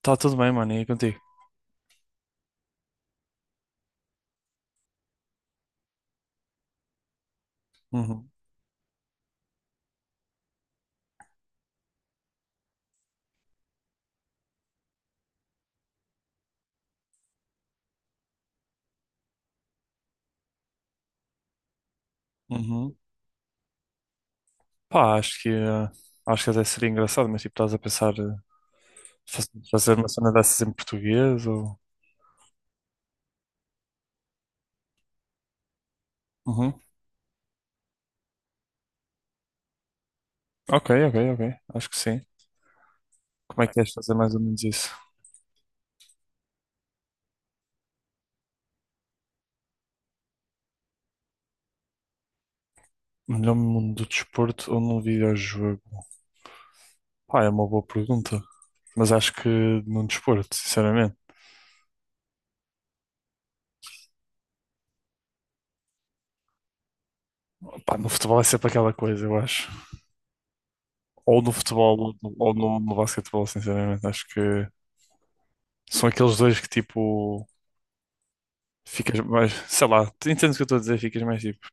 Tá tudo bem, mano, e contigo? Uhum. Uhum. Pá, acho que, acho que até seria engraçado, mas tipo, estás a pensar fazer uma cena dessas em português ou... Uhum. Ok, ok, ok, acho que sim. Como é que queres fazer mais ou menos isso? Melhor mundo do desporto ou num videojogo? Pá, é uma boa pergunta, mas acho que num desporto, sinceramente. Pá, no futebol é sempre aquela coisa, eu acho. Ou no futebol ou no, ou no basquetebol, sinceramente. Acho que são aqueles dois que tipo. Ficas mais, sei lá, tu entendes o que eu estou a dizer, ficas mais tipo,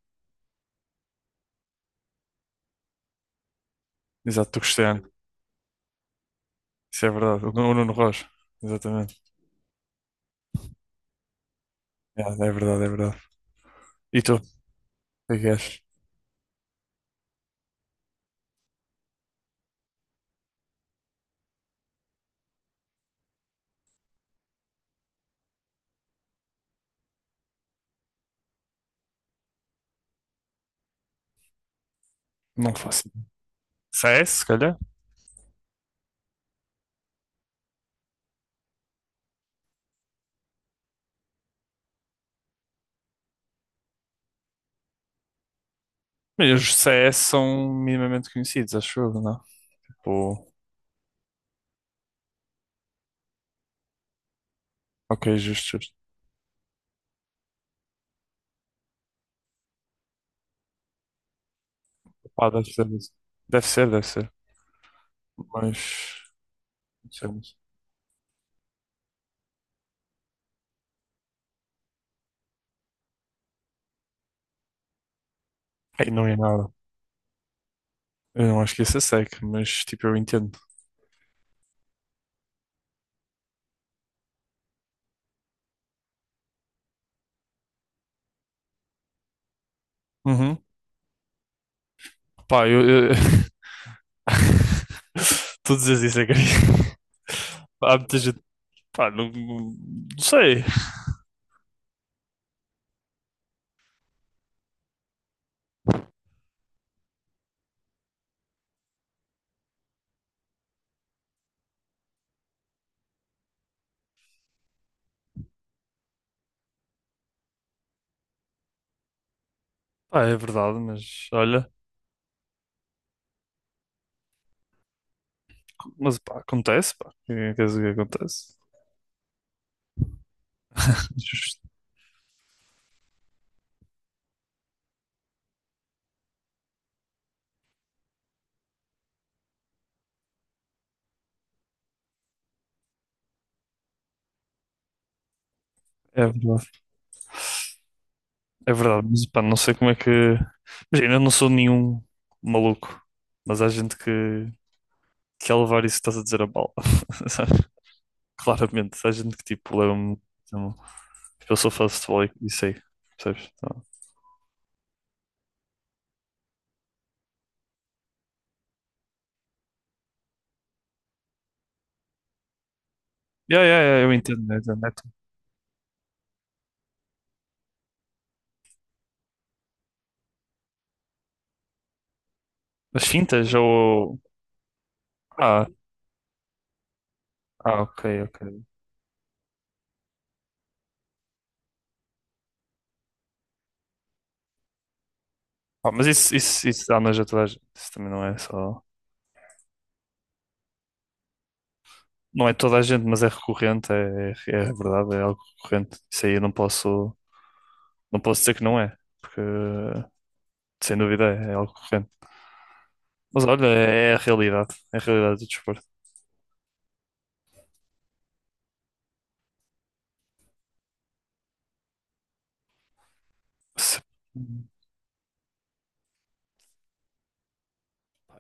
exato, tu Cristiano, isso é verdade, o o Nuno Rocha, exatamente, é, é verdade, é verdade. E tu, o que é que és? Não faço ideia. CS, se calhar? Mas os CS são minimamente conhecidos, acho eu, não? Pô, ok, justo, justo. Pá, deve ser, isso. Deve ser, deve ser, mas, não sei, mas- Ei, não é nada. Eu não acho que isso é sec, mas tipo, eu entendo. Uhum. Pá, eu... tu dizes isso, é que... Há muita gente. Pá, não, não sei. Pá, é verdade, mas olha, mas pá, acontece, pá. O que é que queres dizer que acontece? Justo. É verdade, é verdade, mas pá, não sei como é que. Imagina, eu não sou nenhum maluco, mas há gente que é levar isso que estás a dizer a bala, sabe? Claramente, há gente que tipo leva-me. Tipo, eu sou fã de futebol e sei, percebes? Então, yeah, yeah, yeah, eu entendo, eu entendo. Né? As fintas ou. Ah, ah, ok, ok. Ah, mas isso anja toda a gente. Isso também não é só. Não é toda a gente, mas é recorrente, é, é, é verdade, é algo recorrente. Isso aí eu não posso, não posso dizer que não é, porque sem dúvida é, é algo recorrente. Mas olha, é, é a realidade do desporto. Se-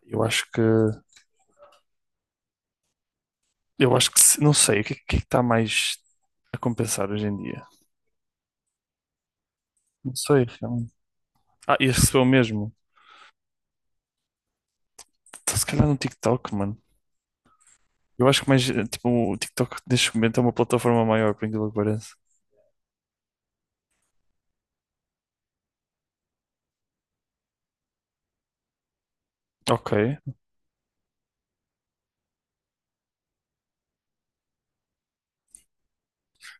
Eu acho que, eu acho que, se- não sei, o que é que está mais a compensar hoje em dia? Não sei, realmente. Ah, e recebeu o mesmo. Então, se calhar no TikTok, mano. Eu acho que mais, tipo, o TikTok neste momento é uma plataforma maior, por incrível que pareça. Ok.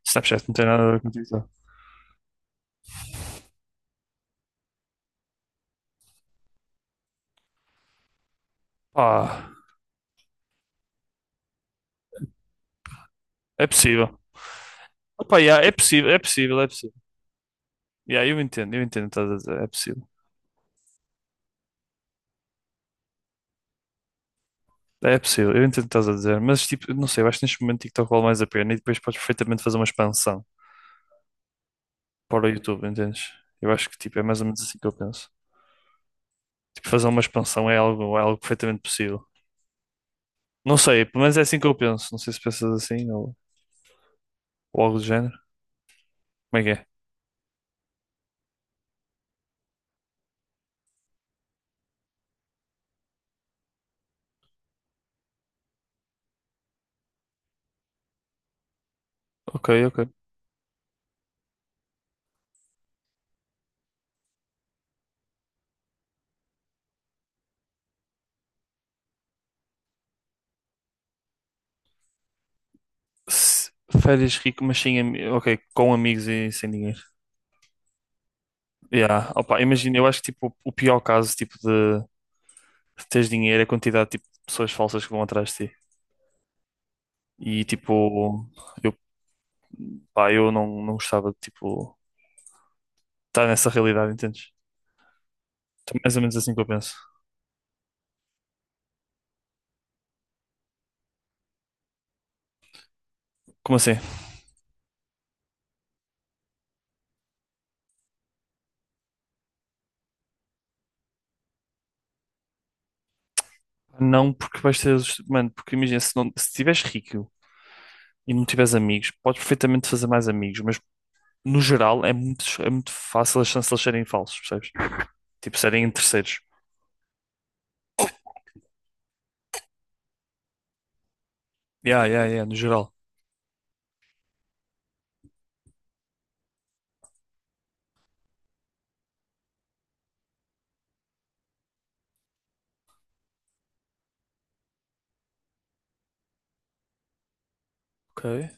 Snapchat não tem nada a ver com TikTok. Pá, é possível. Opa, yeah, é possível, é possível, é possível. Yeah, eu entendo o que estás a dizer, é possível. É possível, eu entendo o que estás a dizer, mas tipo, não sei, eu acho que neste momento TikTok vale mais a pena e depois podes perfeitamente fazer uma expansão para o YouTube, entendes? Eu acho que tipo, é mais ou menos assim que eu penso. Tipo, fazer uma expansão é algo perfeitamente possível. Não sei, pelo menos é assim que eu penso. Não sei se pensas assim ou algo do género. Como é que é? Ok, ok. Se- Férias rico, mas sem, ami- ok, com amigos e sem dinheiro. Yeah. Opa, imagina, eu acho que tipo, o pior caso tipo, de teres dinheiro é a quantidade tipo, de pessoas falsas que vão atrás de ti. E tipo, eu, pá, eu não, não gostava de tipo, estar nessa realidade, entendes? É mais ou menos assim que eu penso. Como assim? Não porque vais ter. Os- Mano, porque imagina, se não, se estiveres rico e não tiveres amigos, podes perfeitamente fazer mais amigos, mas no geral é muito fácil as chances de eles serem falsos, percebes? Tipo, serem terceiros. Yeah, yeah, yeah, no geral. Ok.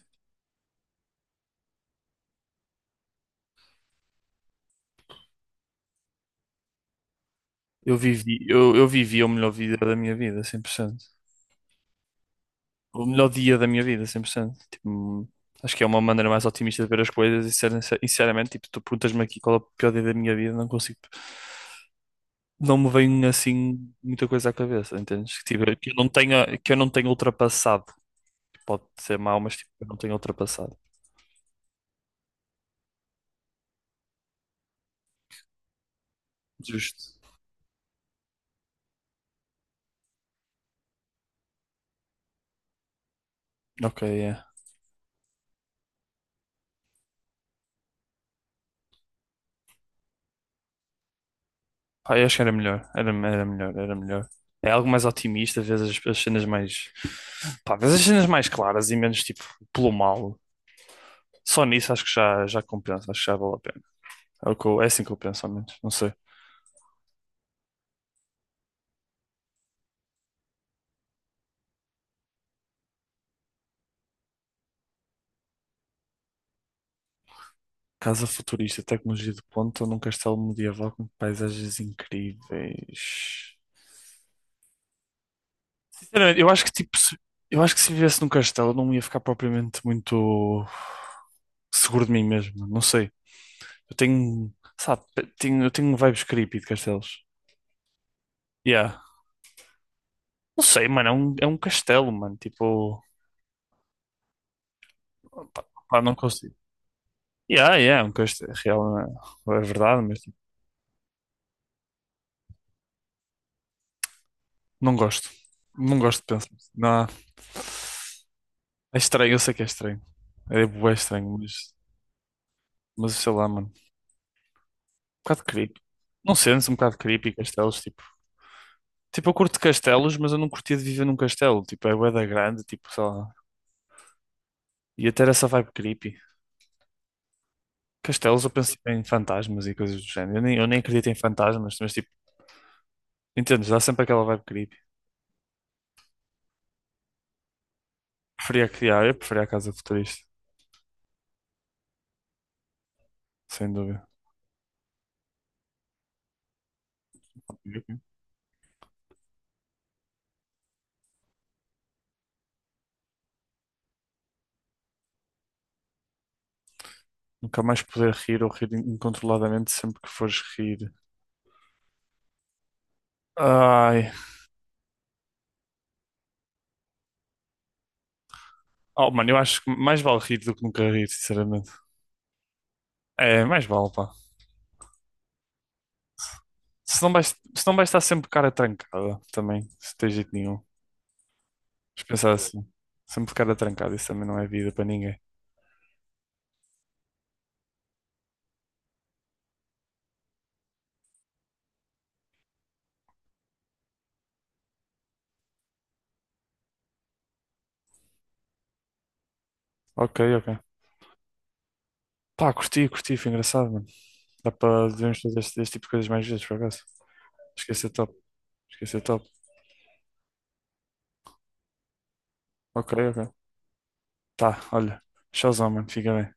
Eu vivi, eu vivi o melhor vida da minha vida, 100%. O melhor dia da minha vida, 100%. Tipo, acho que é uma maneira mais otimista de ver as coisas e, ser- sinceramente, tipo, tu perguntas-me aqui qual é o pior dia da minha vida, não consigo, tipo, não me vem assim muita coisa à cabeça, entendes? Que, tipo, que eu não tenha, que eu não tenha ultrapassado. Pode ser mau, mas tipo, eu não tenho ultrapassado. Justo. Ok, é. Pá, eu acho que era melhor, era melhor. É algo mais otimista, às vezes as, as cenas mais. Pá, às vezes as cenas mais claras e menos tipo pelo mal. Só nisso acho que já, já compensa, acho que já vale a pena. É, o que eu- é assim que eu penso, ao menos, não sei. Casa futurista, tecnologia de ponta num castelo medieval com paisagens incríveis. Sinceramente, eu acho que tipo, se- eu acho que se vivesse num castelo eu não ia ficar propriamente muito seguro de mim mesmo, não sei. Eu tenho, sabe, tenho, eu tenho vibes creepy de castelos. Yeah. Não sei, mano, é um castelo, mano, tipo, pá, pá, não consigo. Yeah, yeah, é um castelo, é real, é é verdade, mas tipo, não gosto. Não gosto de pensar. Não, é estranho, eu sei que é estranho. É bué estranho, mas sei lá, mano, um bocado creepy. Não sentes um bocado creepy castelos, tipo, tipo, eu curto castelos, mas eu não curtia de viver num castelo, tipo, é bué da grande, tipo, sei lá. E até era essa vibe creepy. Castelos, eu penso em fantasmas e coisas do género. Eu nem acredito em fantasmas, mas tipo, entendes? Dá sempre aquela vibe creepy. Preferia criar, eu preferia a casa futurista, sem dúvida. Nunca mais poder rir ou rir incontroladamente sempre que fores rir. Ai. Oh, mano, eu acho que mais vale rir do que nunca rir, sinceramente. É, mais vale, pá. Se não vais, se não vais estar sempre de cara trancada, também, se tens jeito nenhum. Mas pensar assim, sempre de cara trancada, isso também não é vida para ninguém. Ok, ok. Pá, curti, curti, foi engraçado, mano. Dá para devemos fazer este, este tipo de coisas mais vezes, por acaso. Esqueci top. Esqueci top. Ok, ok. Tá, olha. Tchauzão, mano. Fica bem.